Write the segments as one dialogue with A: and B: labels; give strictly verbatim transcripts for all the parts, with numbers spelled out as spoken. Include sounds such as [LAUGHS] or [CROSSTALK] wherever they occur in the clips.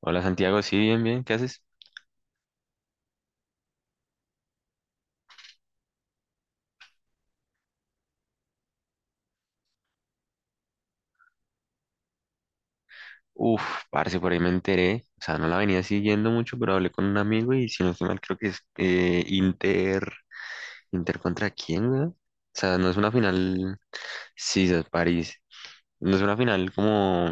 A: Hola Santiago, sí, bien, bien, ¿qué haces? Uf, parce, por ahí me enteré, o sea, no la venía siguiendo mucho, pero hablé con un amigo y si no estoy mal, creo que es eh, Inter. ¿Inter contra quién, güey? O sea, no es una final, sí, es París. No es una final como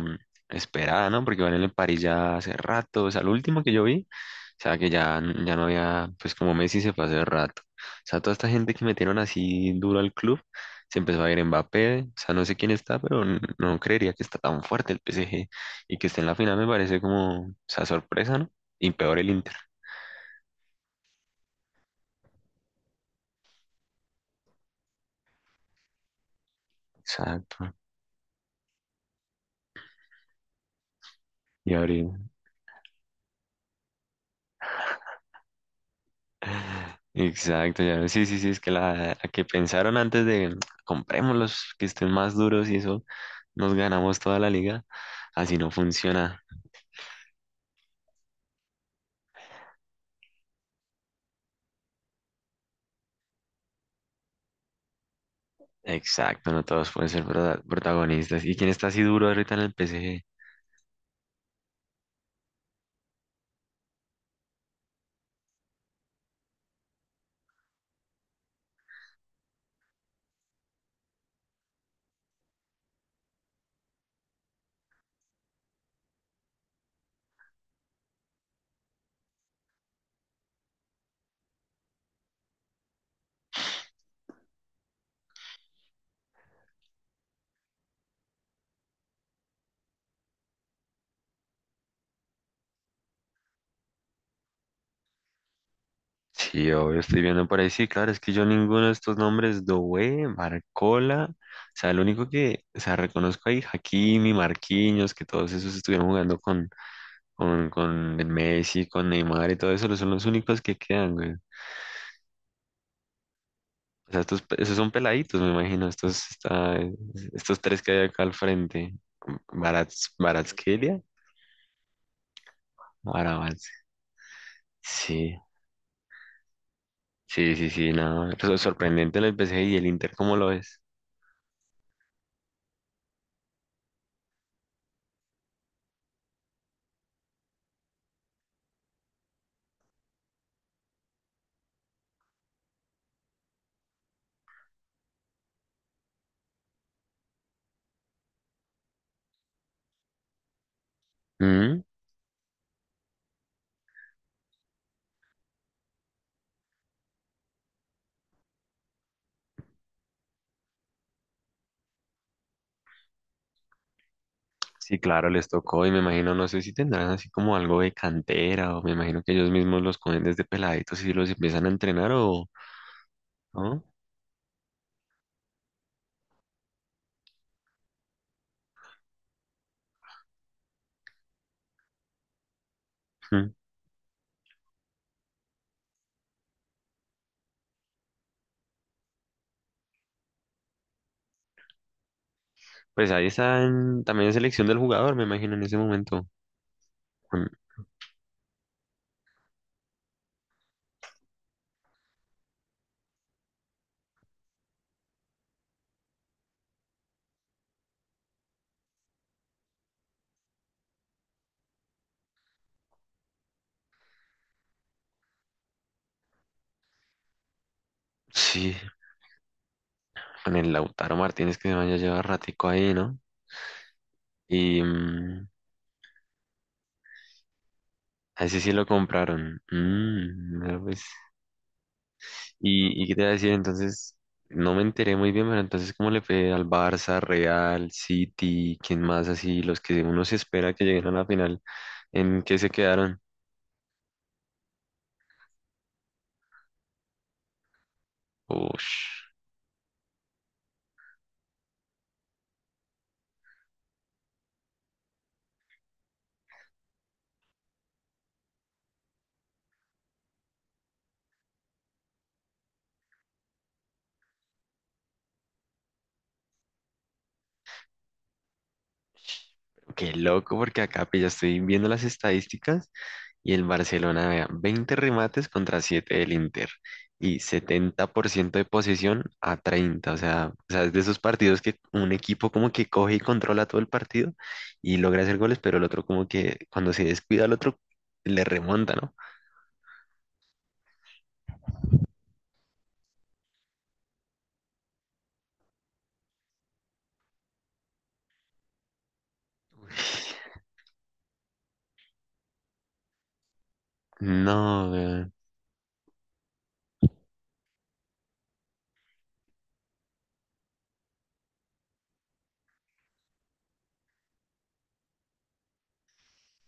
A: esperada, ¿no? Porque van en el París ya hace rato, o sea, lo último que yo vi, o sea, que ya, ya no había, pues como Messi se fue hace rato. O sea, toda esta gente que metieron así duro al club, se empezó a ir Mbappé, o sea, no sé quién está, pero n- no creería que está tan fuerte el P S G y que esté en la final me parece como, o sea, sorpresa, ¿no? Y peor el Inter. Exacto. Y ahorita. [LAUGHS] Exacto, ya. Sí, sí, sí, es que la, la que pensaron antes de compremos los que estén más duros y eso nos ganamos toda la liga. Así no funciona. Exacto, no todos pueden ser prota- protagonistas. ¿Y quién está así duro ahorita en el P. PSG? Sí, obvio, estoy viendo por ahí. Sí, claro, es que yo ninguno de estos nombres, Doué, Barcola, o sea, el único que, o sea, reconozco ahí, Hakimi, Marquinhos, que todos esos estuvieron jugando con, con, con el Messi, con Neymar y todo eso, son los únicos que quedan, güey. O sea, estos, pe- esos son peladitos, me imagino, estos, está- estos tres que hay acá al frente, Baratz, Baratskhelia. Ahora avance. Sí, sí, sí, sí, no. Eso es sorprendente el P S G y el Inter, ¿cómo lo ves? ¿Mm? Sí, claro, les tocó y me imagino, no sé si tendrán así como algo de cantera o me imagino que ellos mismos los cogen desde peladitos y los empiezan a entrenar o no. Mm. Pues ahí están también selección del jugador, me imagino en ese momento. Con- sí, con el Lautaro Martínez que se vaya a llevar ratico ahí, ¿no? Y mm, a ese sí lo compraron. Mm, no, pues, Y, y qué te iba a decir, entonces, no me enteré muy bien, pero entonces, ¿cómo le fue al Barça, Real, City, quién más así, los que uno se espera que lleguen a la final, ¿en qué se quedaron? Ush, qué loco, porque acá pues, ya estoy viendo las estadísticas. Y el Barcelona, vea, veinte remates contra siete del Inter y setenta por ciento de posesión a treinta. O sea, o sea, es de esos partidos que un equipo como que coge y controla todo el partido y logra hacer goles, pero el otro como que cuando se descuida al otro le remonta, ¿no? Uy, no, weón.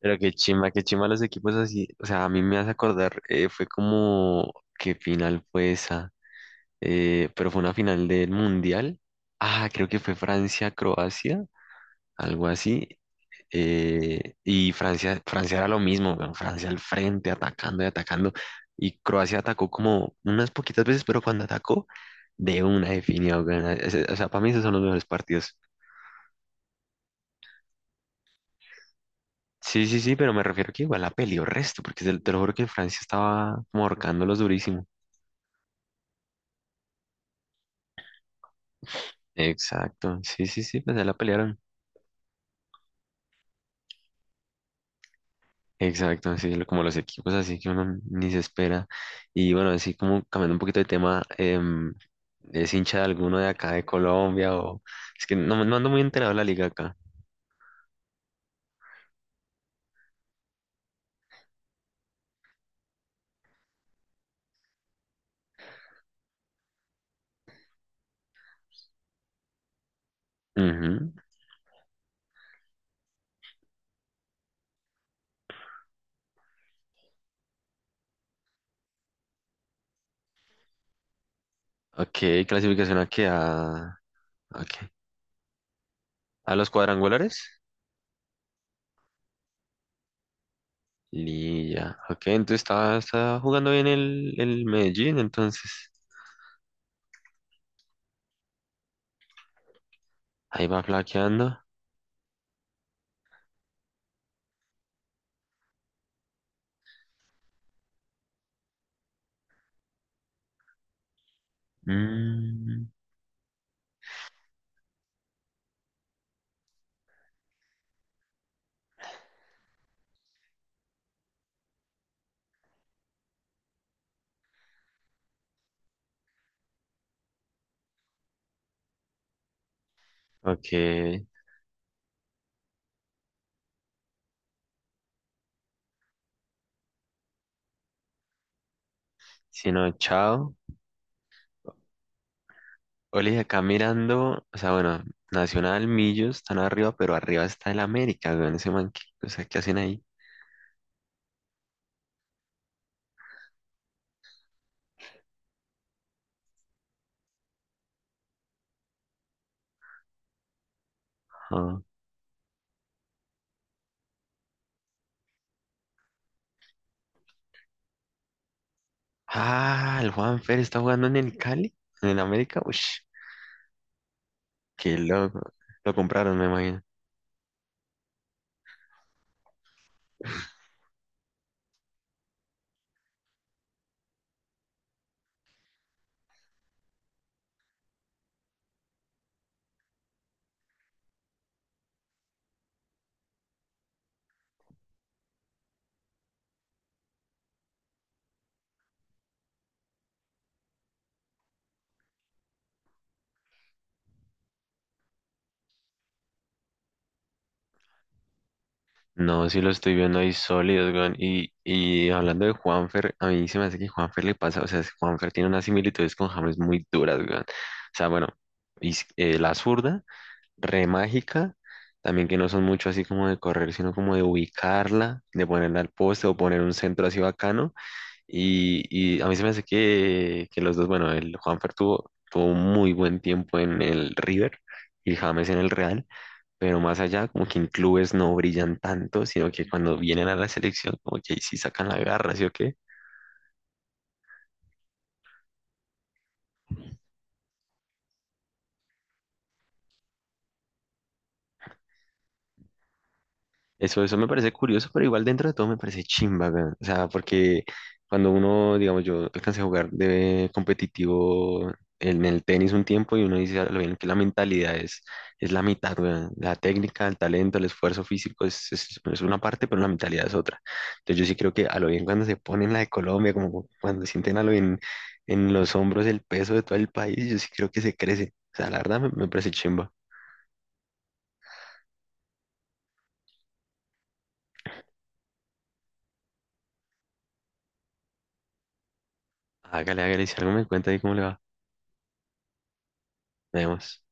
A: Pero qué chimba, qué chimba los equipos así. O sea, a mí me hace acordar, eh, fue como, ¿qué final fue esa? Eh, pero fue una final del Mundial. Ah, creo que fue Francia-Croacia. Algo así. Eh, y Francia, Francia era lo mismo, weón, Francia al frente, atacando y atacando. Y Croacia atacó como unas poquitas veces, pero cuando atacó, de una definida. Weón, ese- o sea, para mí esos son los mejores partidos. Sí, sí, sí, pero me refiero que igual la peleó resto, porque se- te lo juro que Francia estaba como ahorcándolos durísimo. Exacto, sí, sí, sí, pues ahí la pelearon. Exacto, sí, lo- como los equipos así que uno ni se espera. Y bueno, así como cambiando un poquito de tema, em, ¿es hincha de alguno de acá de Colombia? O es que no, no ando muy enterado de la liga acá. Ujú. Ok, clasificación aquí a, ¿a qué? ¿A los cuadrangulares? Y ya, ok, entonces está, está jugando bien el, el Medellín, entonces ahí va flaqueando. Mm, ok, si no, chao. Oli, acá mirando, o sea, bueno, Nacional, Millos están arriba, pero arriba está el América, weón, ese man, ¿qué, o sea, ¿qué hacen ahí? Ah, ah, el Juanfer está jugando en el Cali, en el América, uff, qué loco, lo compraron, me imagino. No, sí lo estoy viendo ahí sólidos, weón, y, y hablando de Juanfer, a mí se me hace que Juanfer le pasa, o sea, es- Juanfer tiene unas similitudes con James muy duras, weón, o sea, bueno, y, eh, la zurda re mágica, también que no son mucho así como de correr, sino como de ubicarla, de ponerla al poste o poner un centro así bacano. Y, y a mí se me hace que, que los dos, bueno, el Juanfer tuvo, tuvo un muy buen tiempo en el River y James en el Real, pero más allá, como que en clubes no brillan tanto, sino que cuando vienen a la selección, como que ahí sí sacan la garra, ¿sí o qué? Eso, eso me parece curioso, pero igual dentro de todo me parece chimba, weón. O sea, porque cuando uno, digamos, yo alcancé a jugar de competitivo en el tenis un tiempo y uno dice, "Ah, lo bien que la mentalidad es, es la mitad, weón. La técnica, el talento, el esfuerzo físico es, es, es una parte, pero la mentalidad es otra. Entonces yo sí creo que a lo bien cuando se ponen la de Colombia, como cuando sienten a lo bien en los hombros el peso de todo el país, yo sí creo que se crece. O sea, la verdad me, me parece chimba. Hágale, hágale, si algo me cuenta ahí cómo le va. Nos vemos.